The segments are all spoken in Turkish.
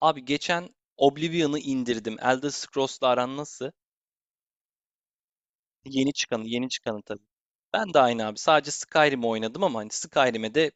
Abi geçen Oblivion'ı indirdim. Elder Scrolls'la aran nasıl? Yeni çıkanı, yeni çıkanı tabii. Ben de aynı abi. Sadece Skyrim'i oynadım ama hani Skyrim'e de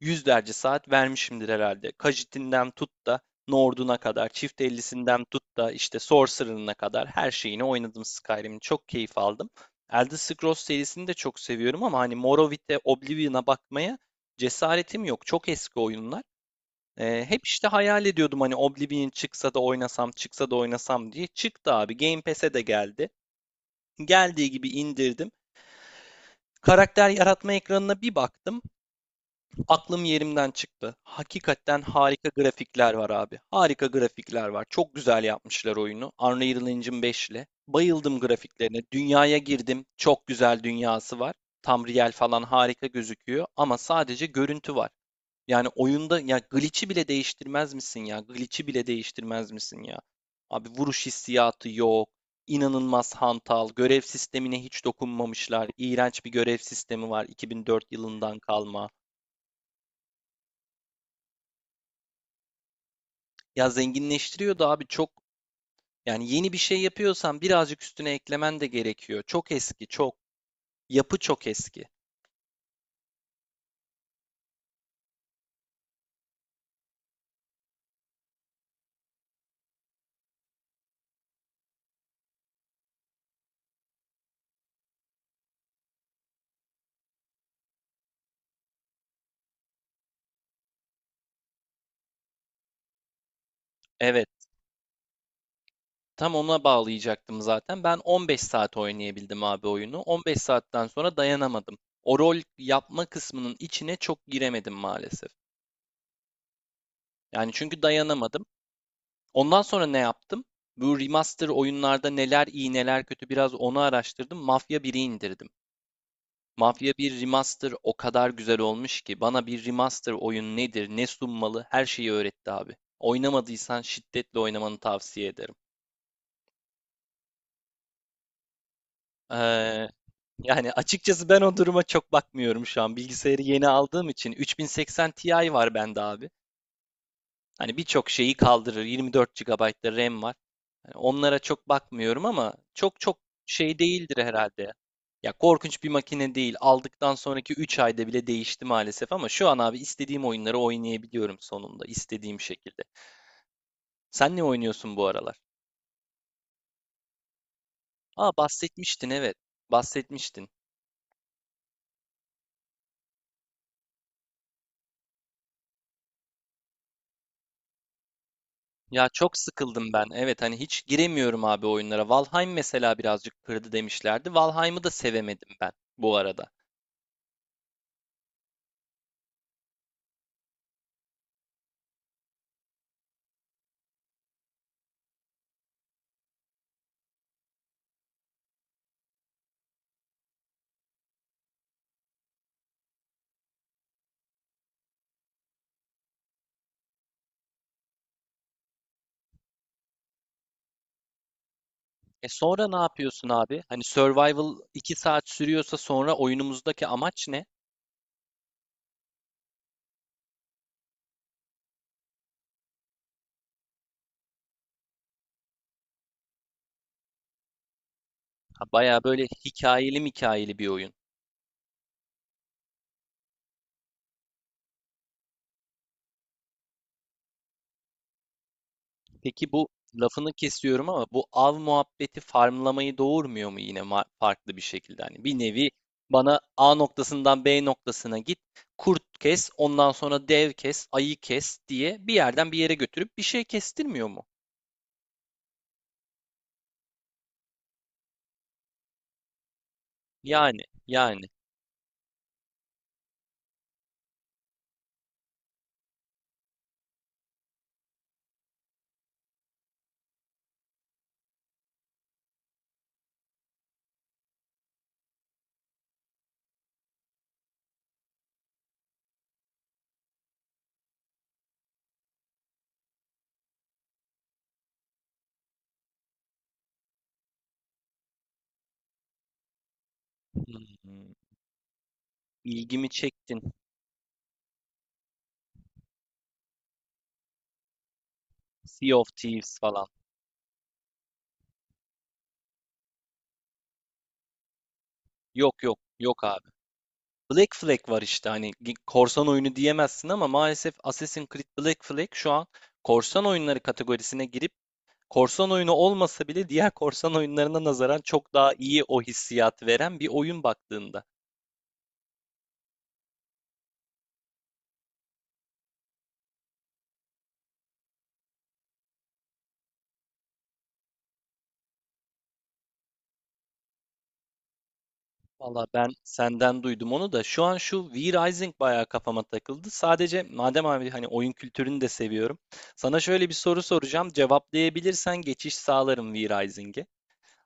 yüzlerce saat vermişimdir herhalde. Khajiit'inden tut da Nord'una kadar, Çift 50'sinden tut da işte Sorcerer'ına kadar her şeyini oynadım Skyrim'in. Çok keyif aldım. Elder Scrolls serisini de çok seviyorum ama hani Morrowind'e, Oblivion'a bakmaya cesaretim yok. Çok eski oyunlar. Hep işte hayal ediyordum hani Oblivion çıksa da oynasam, çıksa da oynasam diye. Çıktı abi. Game Pass'e de geldi. Geldiği gibi indirdim. Karakter yaratma ekranına bir baktım. Aklım yerimden çıktı. Hakikaten harika grafikler var abi. Harika grafikler var. Çok güzel yapmışlar oyunu. Unreal Engine 5 ile. Bayıldım grafiklerine. Dünyaya girdim. Çok güzel dünyası var. Tam real falan harika gözüküyor ama sadece görüntü var. Yani oyunda ya glitch'i bile değiştirmez misin ya? Glitch'i bile değiştirmez misin ya? Abi vuruş hissiyatı yok. İnanılmaz hantal. Görev sistemine hiç dokunmamışlar. İğrenç bir görev sistemi var 2004 yılından kalma. Ya zenginleştiriyordu abi çok. Yani yeni bir şey yapıyorsan birazcık üstüne eklemen de gerekiyor. Çok eski, çok. Yapı çok eski. Evet. Tam ona bağlayacaktım zaten. Ben 15 saat oynayabildim abi oyunu. 15 saatten sonra dayanamadım. O rol yapma kısmının içine çok giremedim maalesef. Yani çünkü dayanamadım. Ondan sonra ne yaptım? Bu remaster oyunlarda neler iyi neler kötü biraz onu araştırdım. Mafya biri indirdim. Mafya bir remaster o kadar güzel olmuş ki bana bir remaster oyun nedir, ne sunmalı her şeyi öğretti abi. Oynamadıysan şiddetle oynamanı tavsiye ederim. Ee, Yani açıkçası ben o duruma çok bakmıyorum şu an. Bilgisayarı yeni aldığım için 3080 Ti var bende abi. Hani birçok şeyi kaldırır. 24 gigabayt da RAM var. Hani onlara çok bakmıyorum ama çok çok şey değildir herhalde. Ya, korkunç bir makine değil. Aldıktan sonraki 3 ayda bile değişti maalesef ama şu an abi istediğim oyunları oynayabiliyorum sonunda istediğim şekilde. Sen ne oynuyorsun bu aralar? Aa, bahsetmiştin, evet. Bahsetmiştin. Ya çok sıkıldım ben. Evet hani hiç giremiyorum abi oyunlara. Valheim mesela birazcık kırdı demişlerdi. Valheim'ı da sevemedim ben bu arada. E sonra ne yapıyorsun abi? Hani survival 2 saat sürüyorsa sonra oyunumuzdaki amaç ne? Ha, baya böyle hikayeli hikayeli bir oyun. Peki bu, lafını kesiyorum ama bu av muhabbeti farmlamayı doğurmuyor mu yine farklı bir şekilde? Hani bir nevi bana A noktasından B noktasına git, kurt kes, ondan sonra dev kes, ayı kes diye bir yerden bir yere götürüp bir şey kestirmiyor mu? Yani, yani. Hmm. İlgimi çektin. Sea of Thieves falan. Yok yok, yok abi. Black Flag var işte hani korsan oyunu diyemezsin ama maalesef Assassin's Creed Black Flag şu an korsan oyunları kategorisine girip korsan oyunu olmasa bile diğer korsan oyunlarına nazaran çok daha iyi o hissiyat veren bir oyun baktığında. Valla ben senden duydum onu da. Şu an şu V Rising bayağı kafama takıldı. Sadece madem abi hani oyun kültürünü de seviyorum. Sana şöyle bir soru soracağım. Cevaplayabilirsen geçiş sağlarım V Rising'e.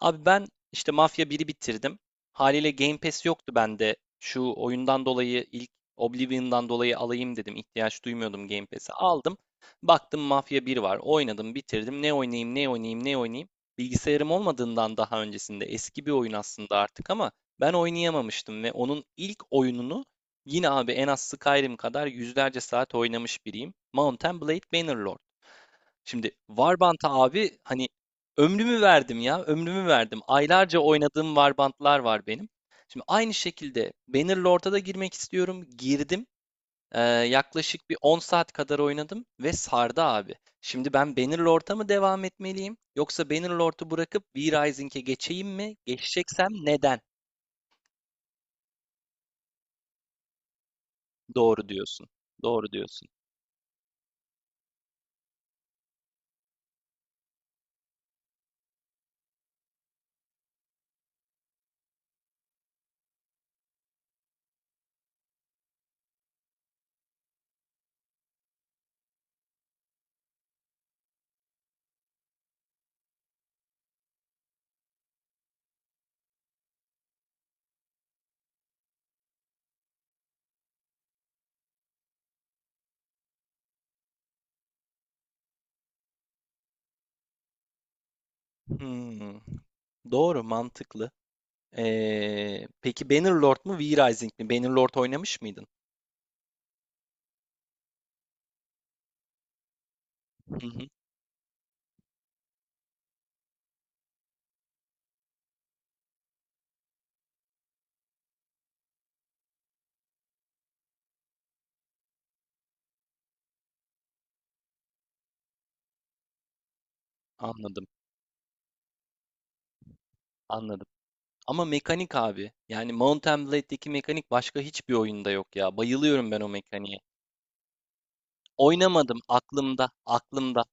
Abi ben işte Mafya biri bitirdim. Haliyle Game Pass yoktu bende. Şu oyundan dolayı ilk Oblivion'dan dolayı alayım dedim. İhtiyaç duymuyordum Game Pass'e. Aldım. Baktım Mafya bir var. Oynadım, bitirdim. Ne oynayayım, ne oynayayım, ne oynayayım. Bilgisayarım olmadığından daha öncesinde eski bir oyun aslında artık ama ben oynayamamıştım ve onun ilk oyununu yine abi en az Skyrim kadar yüzlerce saat oynamış biriyim. Mount and Blade Bannerlord. Şimdi Warband'a abi hani ömrümü verdim ya, ömrümü verdim. Aylarca oynadığım Warband'lar var benim. Şimdi aynı şekilde Bannerlord'a da girmek istiyorum. Girdim. Yaklaşık bir 10 saat kadar oynadım ve sardı abi. Şimdi ben Bannerlord'a mı devam etmeliyim yoksa Bannerlord'u bırakıp V-Rising'e geçeyim mi? Geçeceksem neden? Doğru diyorsun. Doğru diyorsun. Hmm, doğru, mantıklı. Peki Bannerlord mu V-Rising mi? Bannerlord oynamış mıydın? Hı hı. Anladım, anladım. Ama mekanik abi. Yani Mount Blade'deki mekanik başka hiçbir oyunda yok ya. Bayılıyorum ben o mekaniğe. Oynamadım aklımda, aklımda.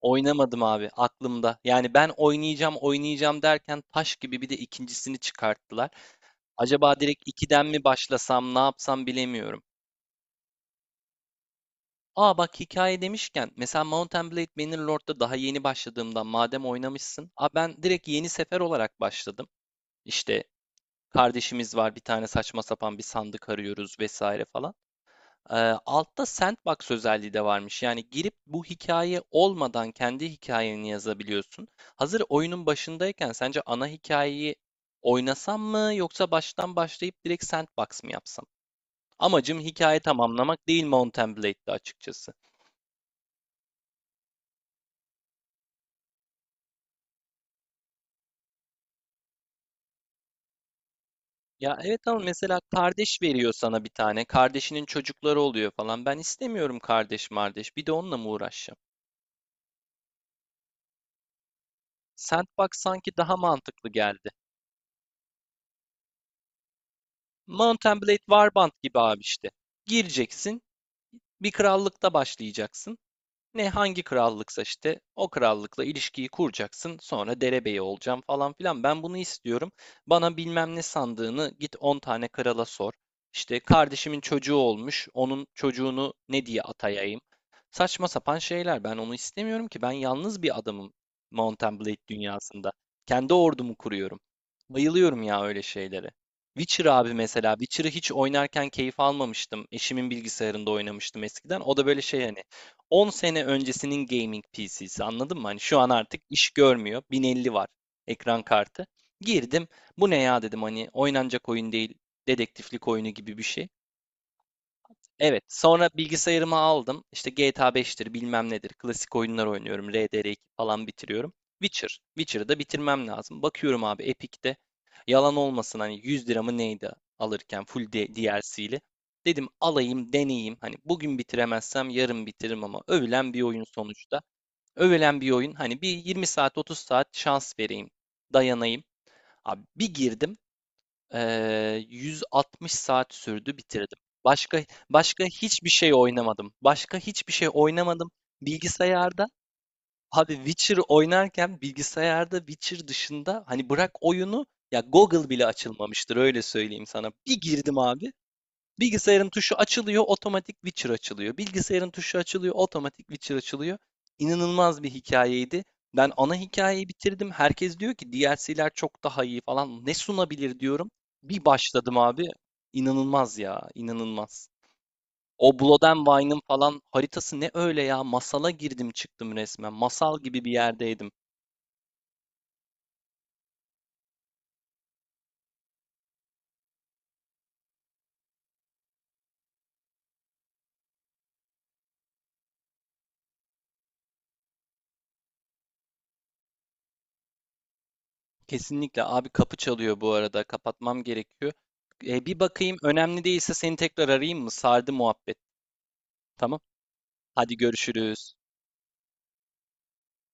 Oynamadım abi aklımda. Yani ben oynayacağım, oynayacağım derken taş gibi bir de ikincisini çıkarttılar. Acaba direkt ikiden mi başlasam, ne yapsam bilemiyorum. Aa bak, hikaye demişken mesela Mount and Blade Bannerlord'da daha yeni başladığımdan madem oynamışsın. Aa ben direkt yeni sefer olarak başladım. İşte kardeşimiz var. Bir tane saçma sapan bir sandık arıyoruz vesaire falan. Ee, altta sandbox özelliği de varmış. Yani girip bu hikaye olmadan kendi hikayeni yazabiliyorsun. Hazır oyunun başındayken sence ana hikayeyi oynasam mı yoksa baştan başlayıp direkt sandbox mı yapsam? Amacım hikaye tamamlamak değil Mount and Blade'de açıkçası. Ya evet ama mesela kardeş veriyor sana bir tane. Kardeşinin çocukları oluyor falan. Ben istemiyorum kardeş mardeş. Bir de onunla mı uğraşacağım? Sandbox sanki daha mantıklı geldi. Mount and Blade Warband gibi abi işte. Gireceksin, bir krallıkta başlayacaksın. Ne hangi krallıksa işte o krallıkla ilişkiyi kuracaksın sonra derebeyi olacağım falan filan ben bunu istiyorum. Bana bilmem ne sandığını git 10 tane krala sor. İşte kardeşimin çocuğu olmuş onun çocuğunu ne diye atayayım. Saçma sapan şeyler ben onu istemiyorum ki ben yalnız bir adamım Mountain Blade dünyasında. Kendi ordumu kuruyorum. Bayılıyorum ya öyle şeylere. Witcher abi mesela Witcher'ı hiç oynarken keyif almamıştım. Eşimin bilgisayarında oynamıştım eskiden. O da böyle şey hani 10 sene öncesinin gaming PC'si anladın mı? Hani şu an artık iş görmüyor. 1050 var ekran kartı. Girdim. Bu ne ya dedim hani oynanacak oyun değil. Dedektiflik oyunu gibi bir şey. Evet. Sonra bilgisayarımı aldım. İşte GTA 5'tir bilmem nedir. Klasik oyunlar oynuyorum. RDR2 falan bitiriyorum. Witcher. Witcher'ı da bitirmem lazım. Bakıyorum abi Epic'te. Yalan olmasın hani 100 lira mı neydi alırken full DLC'li. Dedim alayım deneyeyim. Hani bugün bitiremezsem yarın bitiririm ama övülen bir oyun sonuçta. Övülen bir oyun hani bir 20 saat 30 saat şans vereyim. Dayanayım. Abi bir girdim. 160 saat sürdü bitirdim. Başka başka hiçbir şey oynamadım. Başka hiçbir şey oynamadım. Bilgisayarda abi Witcher oynarken bilgisayarda Witcher dışında hani bırak oyunu ya Google bile açılmamıştır öyle söyleyeyim sana. Bir girdim abi. Bilgisayarın tuşu açılıyor, otomatik Witcher açılıyor. Bilgisayarın tuşu açılıyor, otomatik Witcher açılıyor. İnanılmaz bir hikayeydi. Ben ana hikayeyi bitirdim. Herkes diyor ki DLC'ler çok daha iyi falan. Ne sunabilir diyorum. Bir başladım abi. İnanılmaz ya, inanılmaz. O Blood and Wine'ın falan haritası ne öyle ya? Masala girdim çıktım resmen. Masal gibi bir yerdeydim. Kesinlikle abi kapı çalıyor bu arada. Kapatmam gerekiyor. E, bir bakayım önemli değilse seni tekrar arayayım mı? Sardı muhabbet. Tamam. Hadi görüşürüz.